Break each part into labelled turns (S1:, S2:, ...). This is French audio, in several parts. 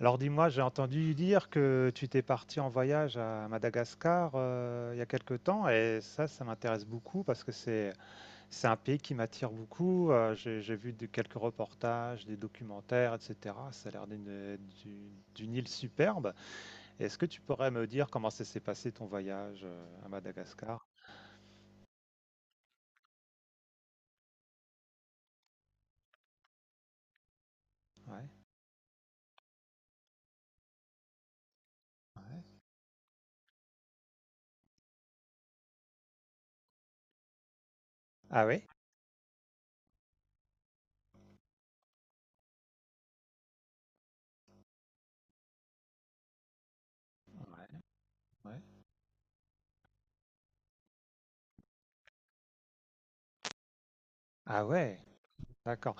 S1: Alors dis-moi, j'ai entendu dire que tu t'es parti en voyage à Madagascar, il y a quelque temps, et ça m'intéresse beaucoup parce que c'est un pays qui m'attire beaucoup. J'ai vu quelques reportages, des documentaires, etc. Ça a l'air d'une île superbe. Est-ce que tu pourrais me dire comment ça s'est passé ton voyage, à Madagascar? Ouais. Ouais. Ah oui? Ouais, ouais, ah ouais, d'accord.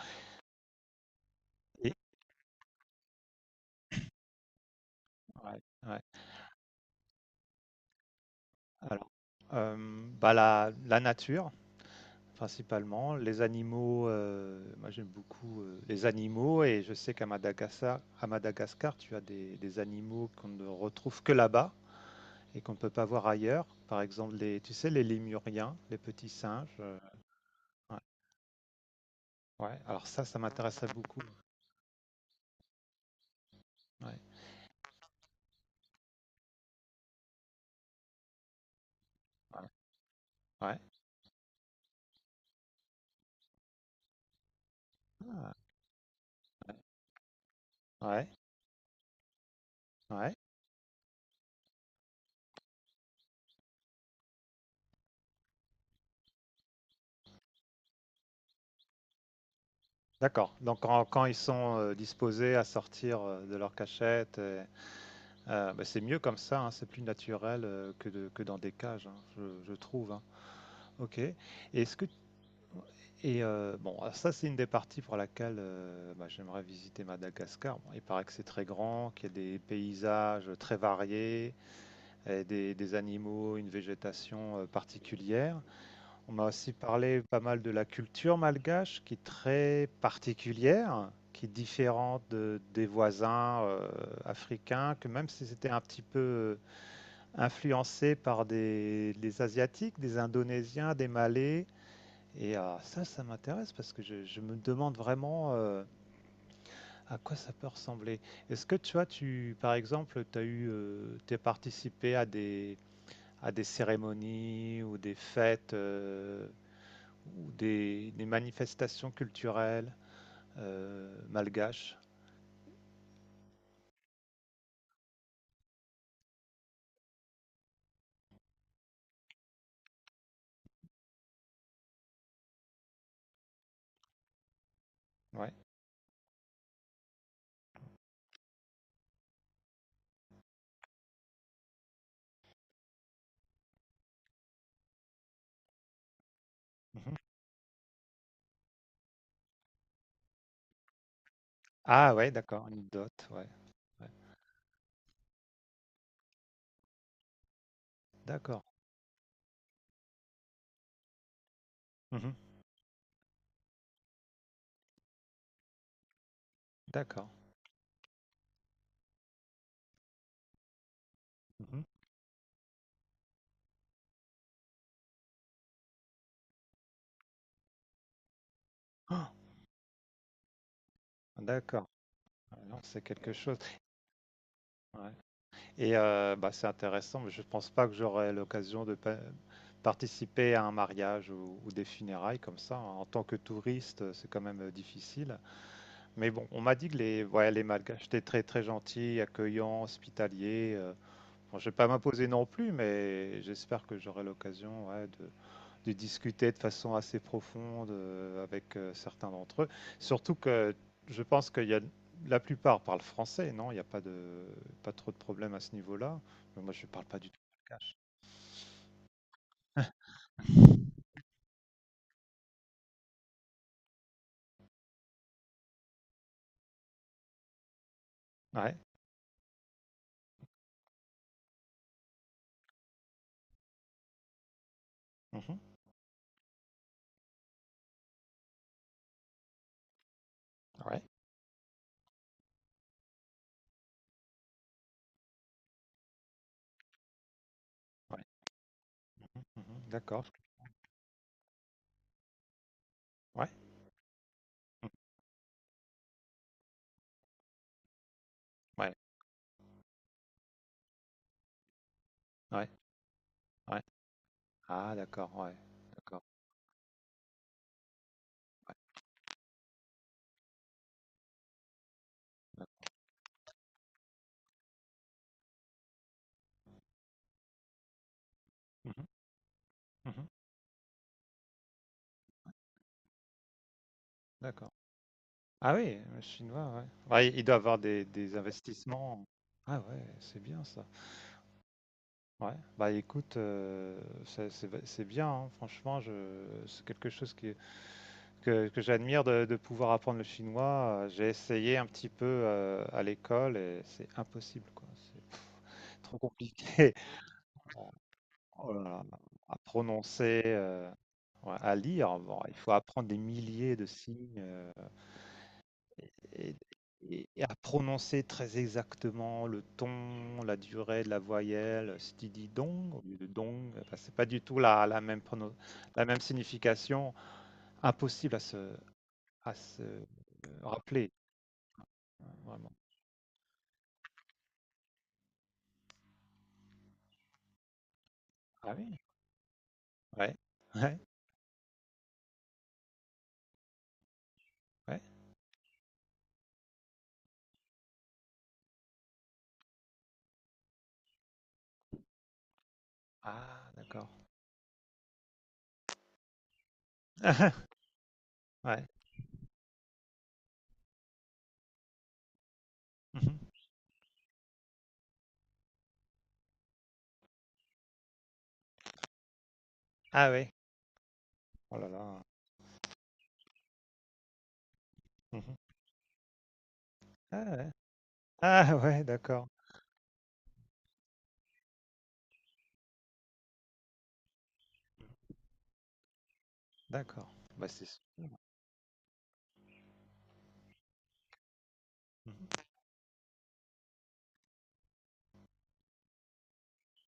S1: Et- ouais. Ouais. Alors, bah, la nature. Principalement, les animaux, moi j'aime beaucoup, les animaux, et je sais qu'à Madagascar, tu as des animaux qu'on ne retrouve que là-bas et qu'on ne peut pas voir ailleurs. Par exemple, les, tu sais, les lémuriens, les petits singes, ouais, ouais, alors ça m'intéresserait beaucoup. Ouais, ouais, ouais, ah, ouais, ouais, d'accord. Donc quand ils sont, disposés à sortir, de leur cachette. Et bah, c'est mieux comme ça, hein, c'est plus naturel, que de que dans des cages, hein, je trouve, hein. OK. Et est-ce que. Bon, alors ça, c'est une des parties pour laquelle, bah, j'aimerais visiter Madagascar. Bon, il paraît que c'est très grand, qu'il y a des paysages très variés, et des animaux, une végétation, particulière. On m'a aussi parlé pas mal de la culture malgache, qui est très particulière, qui est différente de des voisins, africains, que même si c'était un petit peu, influencé par des asiatiques, des indonésiens, des malais, et ça, ça m'intéresse parce que je me demande vraiment, à quoi ça peut ressembler. Est-ce que tu vois, tu, par exemple, t'es participé à des cérémonies ou des fêtes, ou des manifestations culturelles, malgaches? Ouais. Mhm. Ah ouais, d'accord, une dot, ouais. Ouais. D'accord. Mhm. D'accord. Mhm. Ah, d'accord. Alors, c'est quelque chose. Ouais. Et bah, c'est intéressant, mais je ne pense pas que j'aurai l'occasion de participer à un mariage, ou des funérailles comme ça, hein. En tant que touriste, c'est quand même difficile. Mais bon, on m'a dit que les, ouais, les Malgaches étaient très très gentils, accueillants, hospitaliers. Bon, je ne vais pas m'imposer non plus, mais j'espère que j'aurai l'occasion, ouais, de discuter de façon assez profonde, avec certains d'entre eux. Surtout que je pense qu'il y a la plupart parlent français, non? Il n'y a pas trop de problèmes à ce niveau-là. Mais moi, je parle pas du tout malgache. Ouais. Mhm. Ouais. Ouais. Mhm. Mhm. D'accord. Ouais. Mhm. Ouais. Ouais. Ouais. Ah, d'accord. Ouais. D'accord. Ouais. D'accord. Mhm. Mhm. D'accord. Ah oui, le chinois, ouais. Ouais, il doit avoir des investissements. Ah ouais, c'est bien ça. Ouais, bah écoute, c'est bien, hein, franchement, je c'est quelque chose qui que j'admire, de pouvoir apprendre le chinois. J'ai essayé un petit peu, à l'école, et c'est impossible, quoi. C'est trop compliqué. Oh là là, à prononcer, ouais, à lire, bon, il faut apprendre des milliers de signes. Et et à prononcer très exactement le ton, la durée de la voyelle, si tu dis dong au lieu de dong, enfin, c'est pas du tout la même prono la même signification, impossible à se rappeler, hein, vraiment. Ah oui? Ouais, ouais, ouais. Ah, d'accord. Ouais. Mmh. Ah oui. Oh là là. Mmh. Ah ouais. Ah ouais, d'accord, d'accord. Bah, c'est super. Mmh.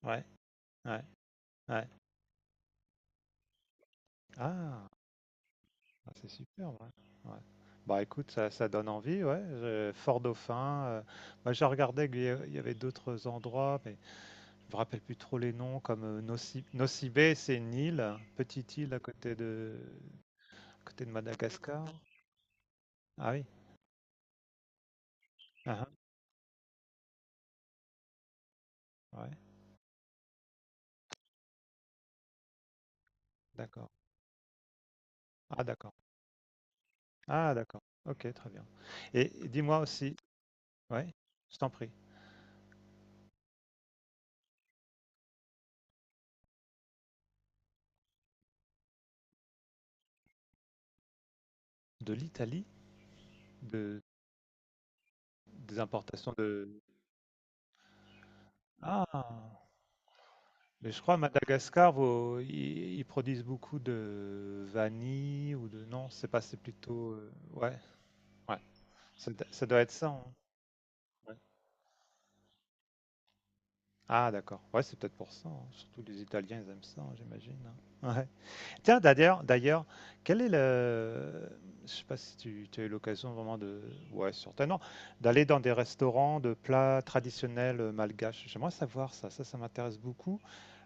S1: Ouais, ouais, ouais. Ah! Ah, c'est super, ouais. Ouais. Bah écoute, ça donne envie, ouais. Fort Dauphin, bah, j'ai regardé il y avait d'autres endroits, mais je me rappelle plus trop les noms, comme Nosy Bay, c'est une île, hein, petite île à côté de Madagascar. Ah oui. Ah, ah, ouais. D'accord. Ah, d'accord. Ah, d'accord. Ok, très bien. Et dis-moi aussi, ouais, je t'en prie. De l'Italie, de, des importations de. Ah. Mais je crois à Madagascar, ils produisent beaucoup de vanille ou Non, c'est pas, c'est plutôt, ouais, ouais. Ça, ça doit être ça, hein. Ouais. Ah, d'accord. Ouais, c'est peut-être pour ça, hein. Surtout les Italiens, ils aiment ça, hein, j'imagine, hein. Ouais. Tiens, d'ailleurs, quel est le. Je sais pas si tu as eu l'occasion vraiment Ouais, certainement. D'aller dans des restaurants de plats traditionnels, malgaches. J'aimerais savoir ça. Ça m'intéresse beaucoup.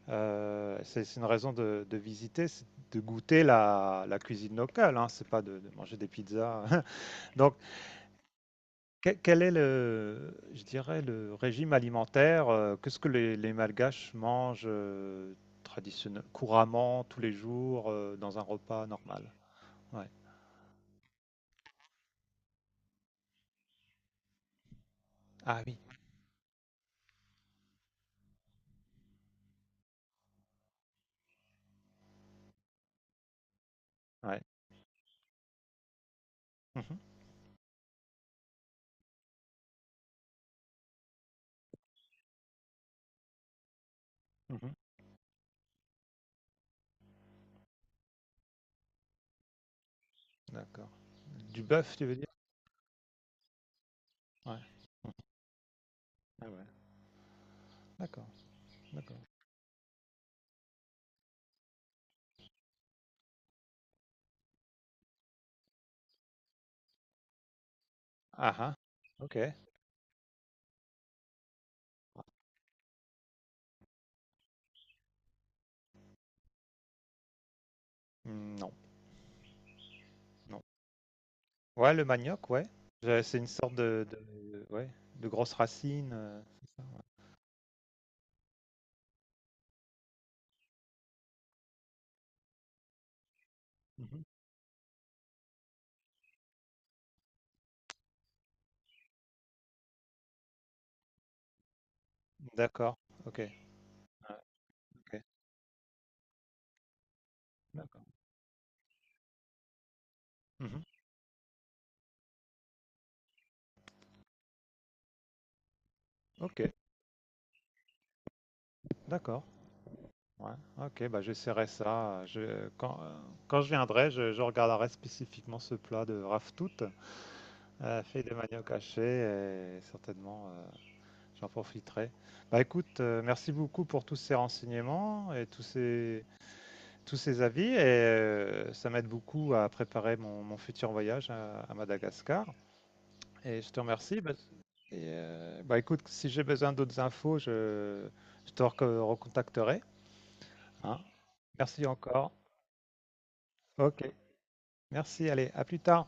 S1: C'est une raison de visiter, c'est de goûter la cuisine locale, hein, c'est pas de manger des pizzas. Donc, quel est le, je dirais, le régime alimentaire? Qu'est-ce que les Malgaches mangent, couramment, tous les jours, dans un repas normal? Ouais. Ah oui. Ouais. Mhm, mhm. D'accord. Du bœuf, tu veux dire? Ouais. Ah ouais. D'accord, d'accord. Ah ah. Ok. Hmm, non. Ouais, le manioc, ouais. C'est une sorte de, ouais, de grosse racine. Mhm. D'accord. Ok. Ouais, ok. D'accord. Mhm. Ok. D'accord. Ouais. Ok. Bah, j'essaierai ça. Quand quand je viendrai, je regarderai spécifiquement ce plat de raftout, fait de manioc haché, et certainement, j'en profiterai. Bah, écoute, merci beaucoup pour tous ces renseignements et tous ces avis, et ça m'aide beaucoup à préparer mon futur voyage à Madagascar. Et je te remercie. Et bah, écoute, si j'ai besoin d'autres infos, je te recontacterai, hein. Merci encore. Ok, merci. Allez, à plus tard.